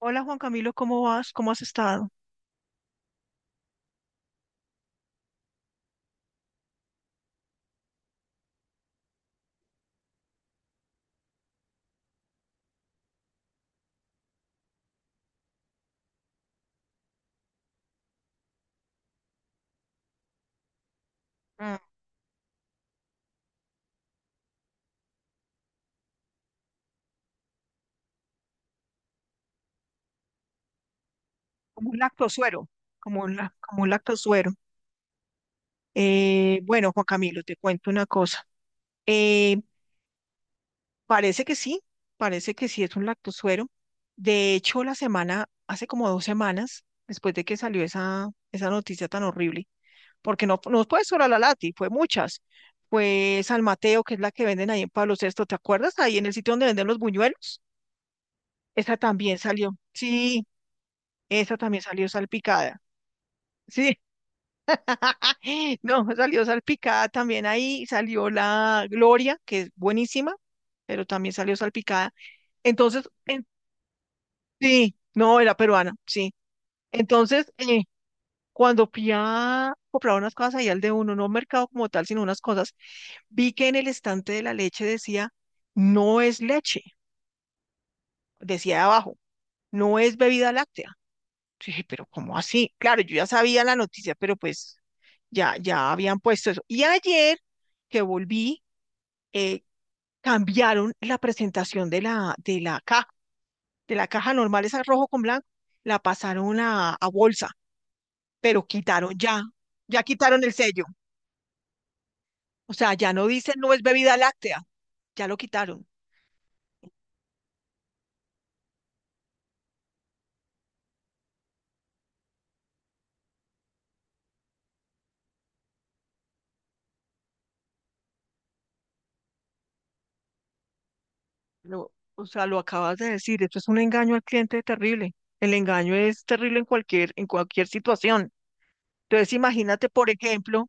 Hola Juan Camilo, ¿cómo vas? ¿Cómo has estado? Mm. Como un lactosuero, como un, como un lactosuero. Bueno, Juan Camilo, te cuento una cosa. Eh, Parece que sí, es un lactosuero. De hecho, hace como 2 semanas, después de que salió esa noticia tan horrible, porque no fue solo la Lati, fue muchas. Fue San Mateo, que es la que venden ahí en Pablo VI, ¿te acuerdas? Ahí en el sitio donde venden los buñuelos. Esa también salió. Sí, esa también salió salpicada. Sí, no, salió salpicada también ahí, salió la Gloria, que es buenísima, pero también salió salpicada. Entonces, sí, no, era peruana, sí. Entonces, cuando fui a comprar unas cosas ahí al de uno, no mercado como tal, sino unas cosas, vi que en el estante de la leche decía, no es leche, decía abajo, no es bebida láctea. Yo dije, pero ¿cómo así? Claro, yo ya sabía la noticia, pero pues ya habían puesto eso. Y ayer que volví, eh, cambiaron la presentación de la caja normal, esa rojo con blanco, la pasaron a bolsa, pero quitaron ya, ya quitaron el sello. O sea, ya no dicen no es bebida láctea, ya lo quitaron. O sea, lo acabas de decir, esto es un engaño al cliente terrible. El engaño es terrible en cualquier situación. Entonces, imagínate, por ejemplo,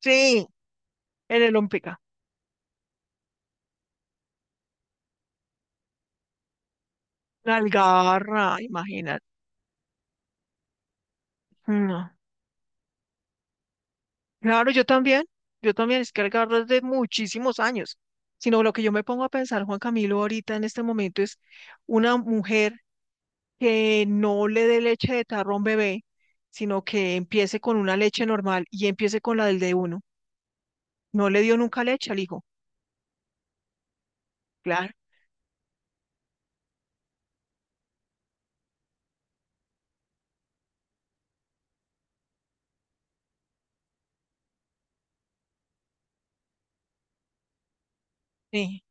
sí, en el la algarra, imagínate. No. Claro, yo también. Yo también, es que algarra es de muchísimos años. Sino lo que yo me pongo a pensar, Juan Camilo, ahorita en este momento es una mujer que no le dé leche de tarro a un bebé, sino que empiece con una leche normal y empiece con la del de uno. No le dio nunca leche al hijo. Claro. Sí.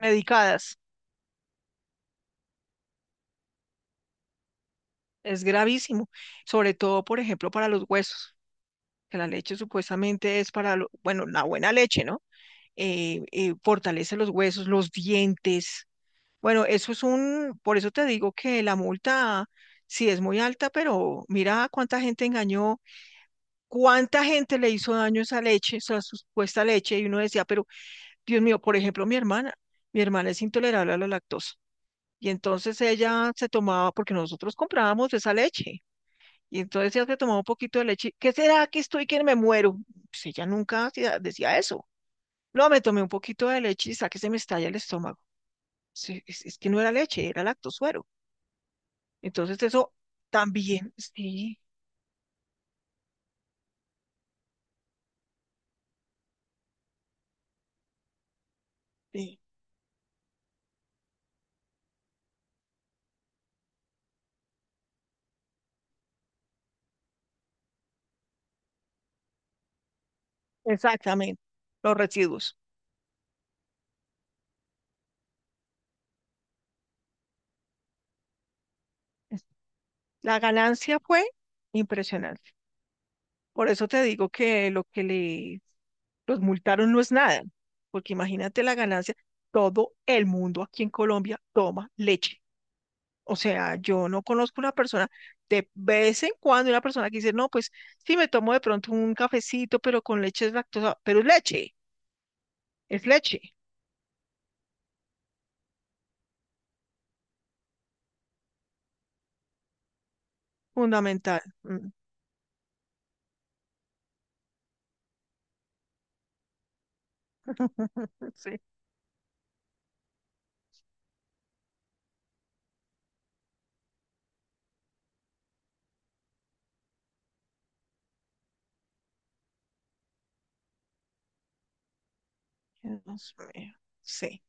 Medicadas. Es gravísimo. Sobre todo, por ejemplo, para los huesos, que la leche supuestamente es para, bueno, la buena leche, ¿no? Fortalece los huesos, los dientes. Bueno, eso es un, por eso te digo que la multa sí es muy alta, pero mira cuánta gente engañó, cuánta gente le hizo daño a esa leche, esa supuesta leche, y uno decía, pero Dios mío, por ejemplo, mi hermana es intolerable a la lactosa, y entonces ella se tomaba, porque nosotros comprábamos esa leche, y entonces ella se tomaba un poquito de leche. ¿Qué será que estoy que me muero? Pues ella nunca decía eso, no, me tomé un poquito de leche y saqué se me estalla el estómago. Sí, es que no era leche, era lactosuero. Entonces eso también, sí, sí, exactamente, los residuos. Es- La ganancia fue impresionante. Por eso te digo que lo que le los multaron no es nada, porque imagínate la ganancia. Todo el mundo aquí en Colombia toma leche. O sea, yo no conozco una persona, de vez en cuando una persona que dice, no, pues sí me tomo de pronto un cafecito, pero con leche es lactosa, pero es leche, fundamental. Mm. Sí, Dios mío, sí.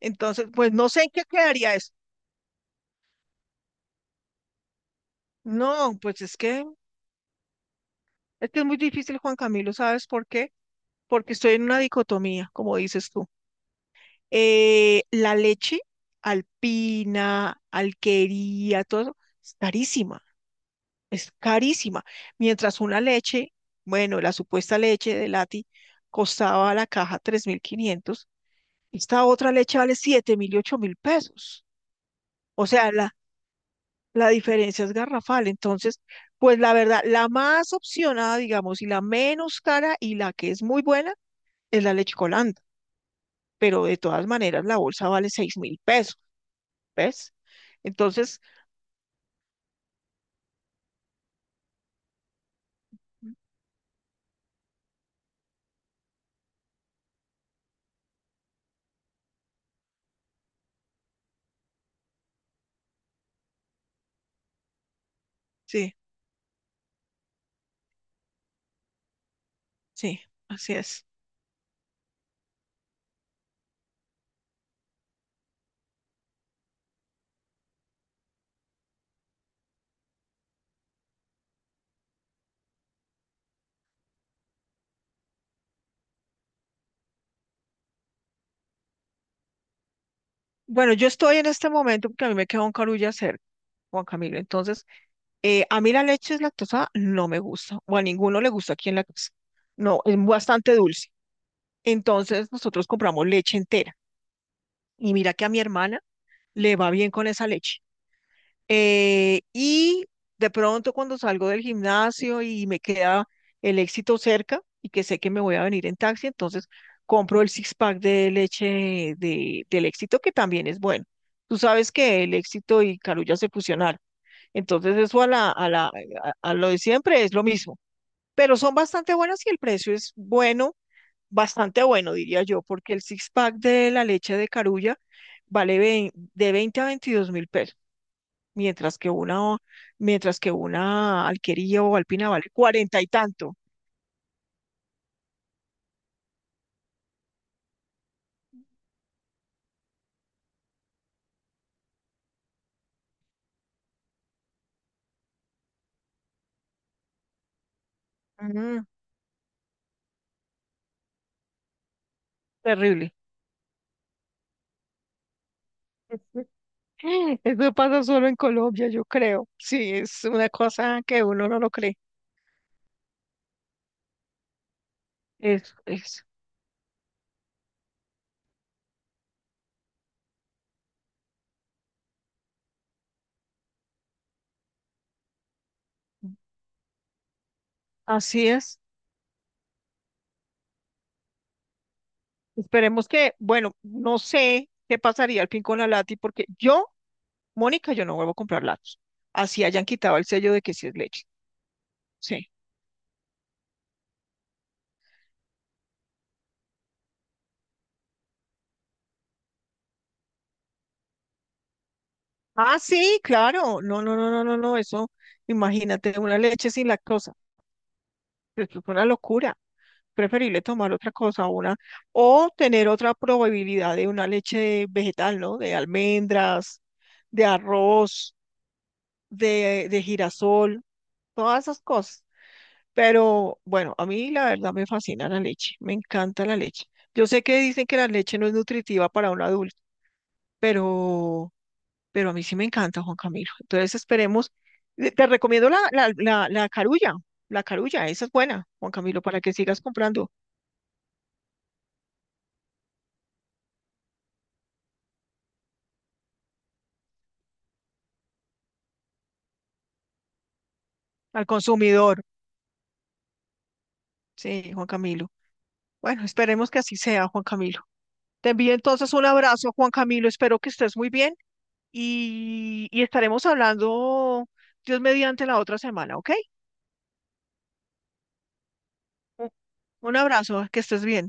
Entonces, pues no sé en qué quedaría eso. No, pues es que, es muy difícil, Juan Camilo, ¿sabes por qué? Porque estoy en una dicotomía, como dices tú. La leche alpina, alquería, todo eso, es carísima, es carísima. Mientras una leche, bueno, la supuesta leche de Lati costaba la caja 3.500, esta otra leche vale 7.000 y 8.000 pesos. O sea, la diferencia es garrafal. Entonces, pues la verdad, la más opcionada, digamos, y la menos cara y la que es muy buena es la leche Colanda. Pero de todas maneras, la bolsa vale 6.000 pesos, ¿ves? Entonces, sí, sí, así es. Bueno, yo estoy en este momento porque a mí me queda un carullo hacer, Juan Camilo. Entonces, a mí la leche lactosa no me gusta, o a ninguno le gusta aquí en la casa. No, es bastante dulce. Entonces, nosotros compramos leche entera. Y mira que a mi hermana le va bien con esa leche. Y de pronto cuando salgo del gimnasio y me queda el éxito cerca y que sé que me voy a venir en taxi, entonces compro el six pack de leche de, del éxito que también es bueno. Tú sabes que el éxito y Carulla se fusionaron. Entonces eso a lo de siempre es lo mismo. Pero son bastante buenas y el precio es bueno, bastante bueno, diría yo, porque el six pack de la leche de Carulla vale de 20 a 22.000 pesos, mientras que una, mientras que una Alquería o Alpina vale cuarenta y tanto. Mm, terrible. Eso pasa solo en Colombia, yo creo. Sí, es una cosa que uno no lo cree. Es, es, así es. Esperemos que, bueno, no sé qué pasaría al fin con la lati, porque yo, Mónica, yo no vuelvo a comprar latos. Así hayan quitado el sello de que sí es leche. Sí. Ah, sí, claro. No, no, no, no, no, no. Eso, imagínate, una leche sin lactosa. Eso es una locura. Preferible tomar otra cosa, una, o tener otra probabilidad de una leche vegetal, ¿no? De almendras, de arroz, de girasol, todas esas cosas. Pero bueno, a mí la verdad me fascina la leche, me encanta la leche. Yo sé que dicen que la leche no es nutritiva para un adulto, pero, pero a mí sí me encanta, Juan Camilo. Entonces esperemos, te recomiendo la carulla, esa es buena, Juan Camilo, para que sigas comprando al consumidor. Sí, Juan Camilo. Bueno, esperemos que así sea, Juan Camilo. Te envío entonces un abrazo, Juan Camilo. Espero que estés muy bien y estaremos hablando, Dios mediante, la otra semana, ¿ok? Un un abrazo, que estés bien.